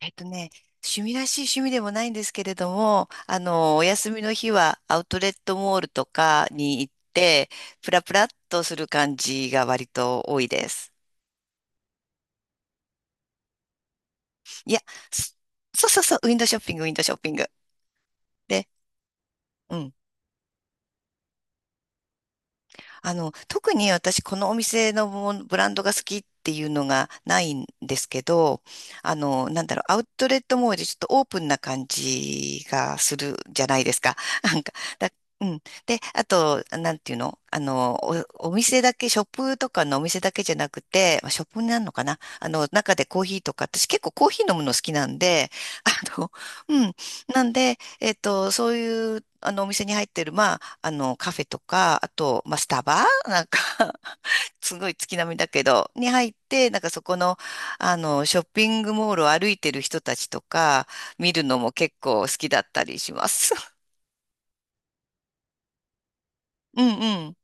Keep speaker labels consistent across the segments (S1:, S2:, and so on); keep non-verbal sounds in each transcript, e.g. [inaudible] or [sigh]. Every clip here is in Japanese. S1: えっとね、趣味らしい趣味でもないんですけれども、お休みの日はアウトレットモールとかに行って、プラプラっとする感じが割と多いです。いや、そそうそうそう、ウィンドウショッピング、ウィンドウショッピング。で、うん。特に私、このお店のものブランドが好きっていうのがないんですけど、なんだろう、アウトレットモールでちょっとオープンな感じがするじゃないですか。[laughs] なんか、だ、うん。で、あと、なんていうのお店だけ、ショップとかのお店だけじゃなくて、まあショップになるのかな中でコーヒーとか、私結構コーヒー飲むの好きなんで、[laughs] あの、うん。なんで、そういう、お店に入ってる、まあ、カフェとか、あと、まあ、スタバ [laughs] なんか [laughs] すごい月並みだけど、に入って、なんかそこの、ショッピングモールを歩いてる人たちとか、見るのも結構好きだったりします。[laughs] うんうん。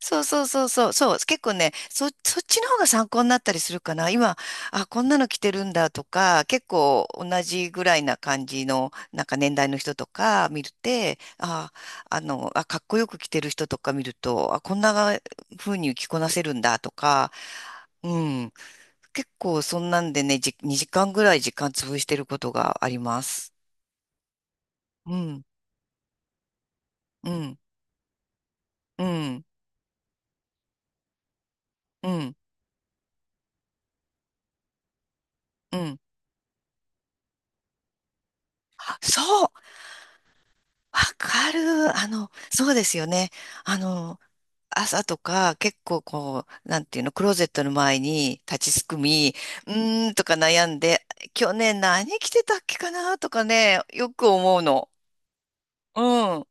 S1: そうそうそうそう、そう、結構ね、そっちの方が参考になったりするかな。今、あ、こんなの着てるんだとか、結構同じぐらいな感じの、なんか年代の人とか見るて、あ、あ、かっこよく着てる人とか見ると、あ、こんな風に着こなせるんだとか、うん、結構そんなんでね、2時間ぐらい時間潰してることがあります。うん、うん、うん、うん、うん。あそうわかる。そうですよね。あの、朝とか結構こう、なんていうの、クローゼットの前に立ちすくみ、うーんとか悩んで、去年何着てたっけかなとかね、よく思うの。うん。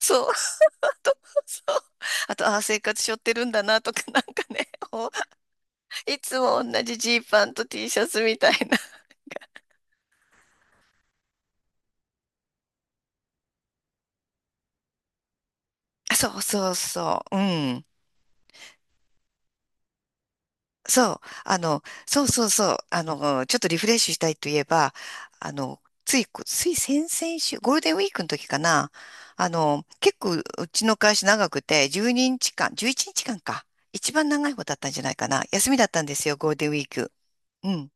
S1: そう、[laughs] あと、そう。あと、ああ、生活しょってるんだなとか、[laughs] なんかね、いつも同じジーパンと T シャツみたいな。あそうそうそう。うん。そう、そうそうそう、ちょっとリフレッシュしたいといえば、つい先々週、ゴールデンウィークの時かな、結構うちの会社長くて、12日間、11日間かんか、一番長い方だったんじゃないかな、休みだったんですよ、ゴールデンウィーク。うん、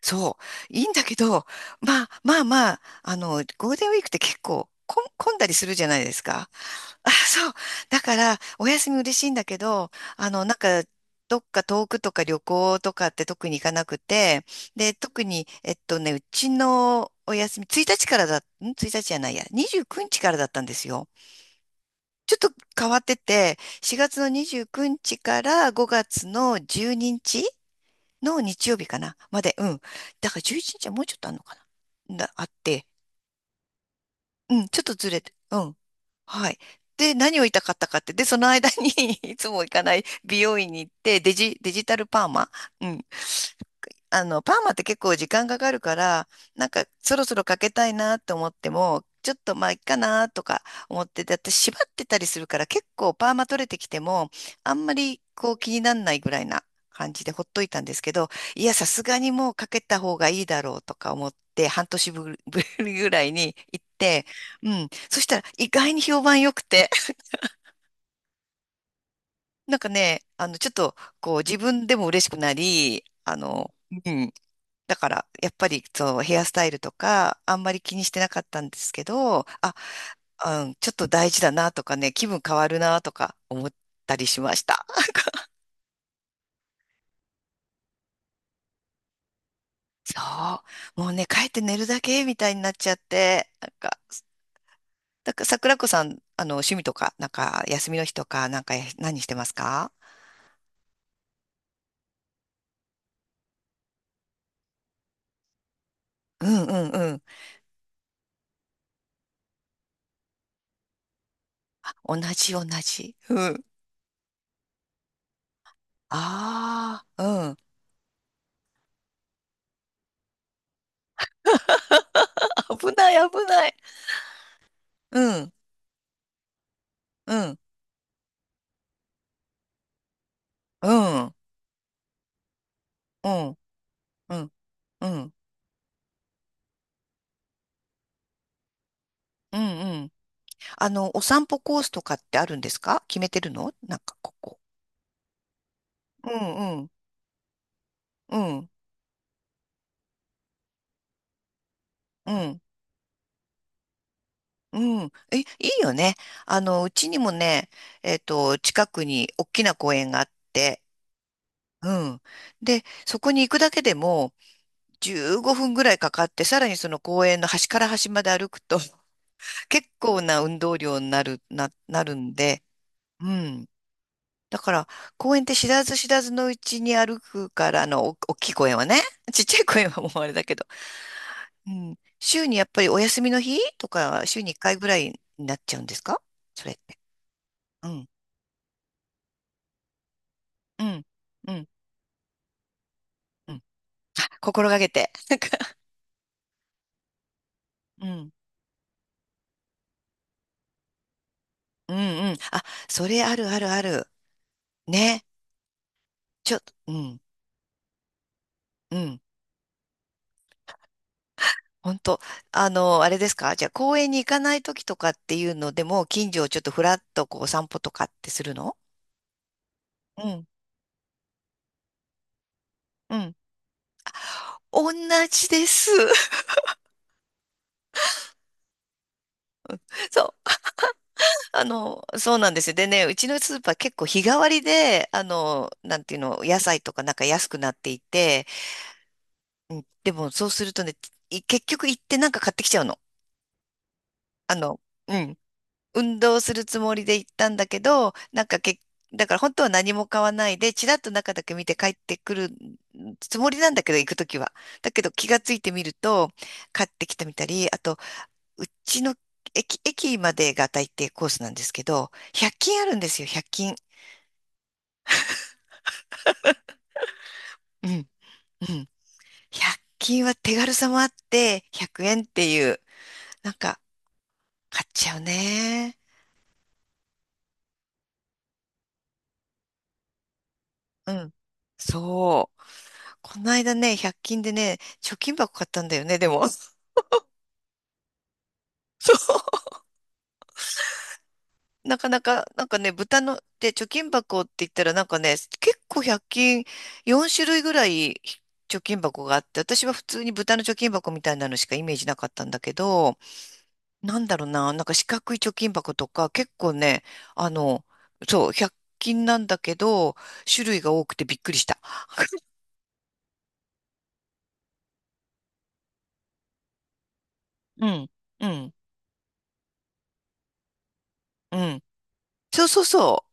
S1: そう、いいんだけど、まあまあまあ、ゴールデンウィークって結構混んだりするじゃないですか。あ、そう。だから、お休み嬉しいんだけど、なんか、どっか遠くとか旅行とかって特に行かなくて、で、特に、うちのお休み、1日からだ、ん ?1 日じゃないや、29日からだったんですよ。ちょっと変わってて、4月の29日から5月の12日の日曜日かな、まで、うん。だから11日はもうちょっとあるのかな。あって、うん、ちょっとずれて、うん。はい。で、何を言いたかったかって、で、その間に [laughs] いつも行かない美容院に行って、デジタルパーマ、うん、パーマって結構時間かかるから、なんかそろそろかけたいなと思っても、ちょっとまあいっかなとか思ってて、だって縛ってたりするから結構パーマ取れてきても、あんまりこう気になんないぐらいな感じでほっといたんですけど、いや、さすがにもうかけた方がいいだろうとか思って、半年ぶりぐらいに行って、うん。そしたら意外に評判良くて、なんかね、ちょっとこう自分でも嬉しくなり、うんだから、やっぱり、そう、ヘアスタイルとか、あんまり気にしてなかったんですけど、あ、うん、ちょっと大事だなとかね、気分変わるなとか思ったりしました。そう。もうね、帰って寝るだけみたいになっちゃって、なんか、だから桜子さん、趣味とか、なんか、休みの日とか、なんか、何してますか？うんうんうん。同じ同じ。うん。ああ、うん。危ない危ない。うん、うん、うん、うん、うん、うん、うん、うん。お散歩コースとかってあるんですか？決めてるのなんか、ここ。うんうん、うん、うん、うん。え、いいよね。うちにもね、近くに大きな公園があって、うん。で、そこに行くだけでも、15分ぐらいかかって、さらにその公園の端から端まで歩くと、[laughs] 結構な運動量になる、なるんで、うん。だから、公園って知らず知らずのうちに歩くから、大きい公園はね。[laughs] ちっちゃい公園はもうあれだけど。うん。週にやっぱりお休みの日とか、週に1回ぐらいになっちゃうんですか？それって。うん。うん。うん。うん。心がけて。[laughs] なんかうん。うん。うん。あ、それあるあるある。ね。ちょっと、うん。うん。本当あれですか？じゃあ公園に行かない時とかっていうのでも、近所をちょっとふらっとこう散歩とかってするの？うん。うん。同じです。[laughs] そう。そうなんですよ。でね、うちのスーパー結構日替わりで、なんていうの、野菜とかなんか安くなっていて、うん、でもそうするとね、結局行ってなんか買ってきちゃうの。あの、うん。運動するつもりで行ったんだけど、なんかだから本当は何も買わないで、ちらっと中だけ見て帰ってくるつもりなんだけど、行くときは。だけど気がついてみると、買ってきてみたり、あと、うちの駅までが大抵コースなんですけど、100均あるんですよ、100均。うん、うん。100均は手軽さもあって、100円っていう、なんか、買っちゃうね。うん。そう。この間ね、100均でね、貯金箱買ったんだよね、でも。[laughs] そう。なかなか、なんかね、豚の、で、貯金箱って言ったらなんかね、結構100均4種類ぐらい貯金箱があって、私は普通に豚の貯金箱みたいなのしかイメージなかったんだけど、なんだろうな、なんか四角い貯金箱とか、結構ね、あの、そう、100均なんだけど、種類が多くてびっくりした。[laughs] うん、うん、うん。そうそうそう。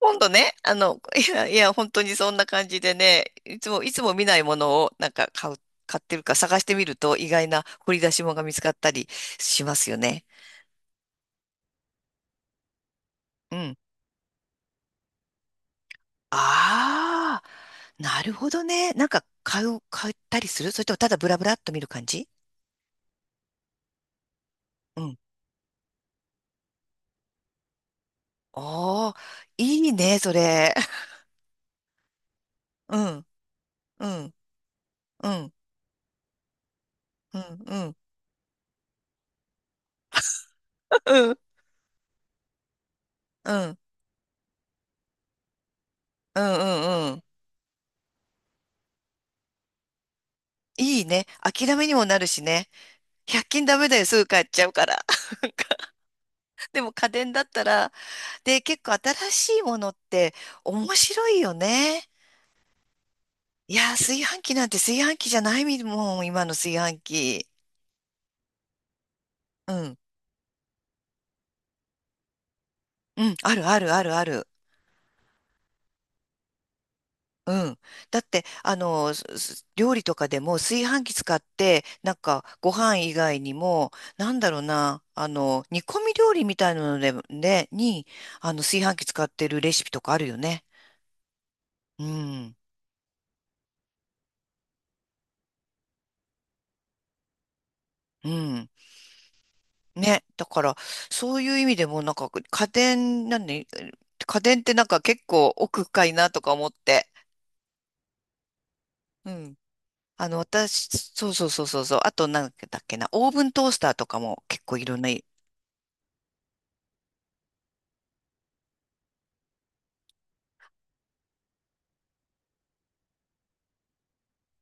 S1: 今度ね、いや、いや、本当にそんな感じでね、いつも、いつも見ないものをなんか買う、買ってるか探してみると意外な掘り出し物が見つかったりしますよね。うん。ああ、なるほどね。なんか買う、買ったりするそれともただブラブラっと見る感じ？うんああ、いいね、それ。[laughs] うん、うん、うん、うん、うん、うん、うん、うん、うん。いいね。諦めにもなるしね。100均ダメだよ、すぐ買っちゃうから。[laughs] でも家電だったら、で、結構新しいものって面白いよね。いやー、炊飯器なんて炊飯器じゃないもん、今の炊飯器。うん、うん、あるあるあるある。うん。だって、料理とかでも炊飯器使って、なんかご飯以外にも、なんだろうな、煮込み料理みたいなので、ね、炊飯器使ってるレシピとかあるよね。うん。うん。ね。だから、そういう意味でも、なんか、家電、なんで、家電ってなんか結構奥深いなとか思って。うん。私、そうそうそうそうそう。あと、なんだっけな、オーブントースターとかも結構いろんな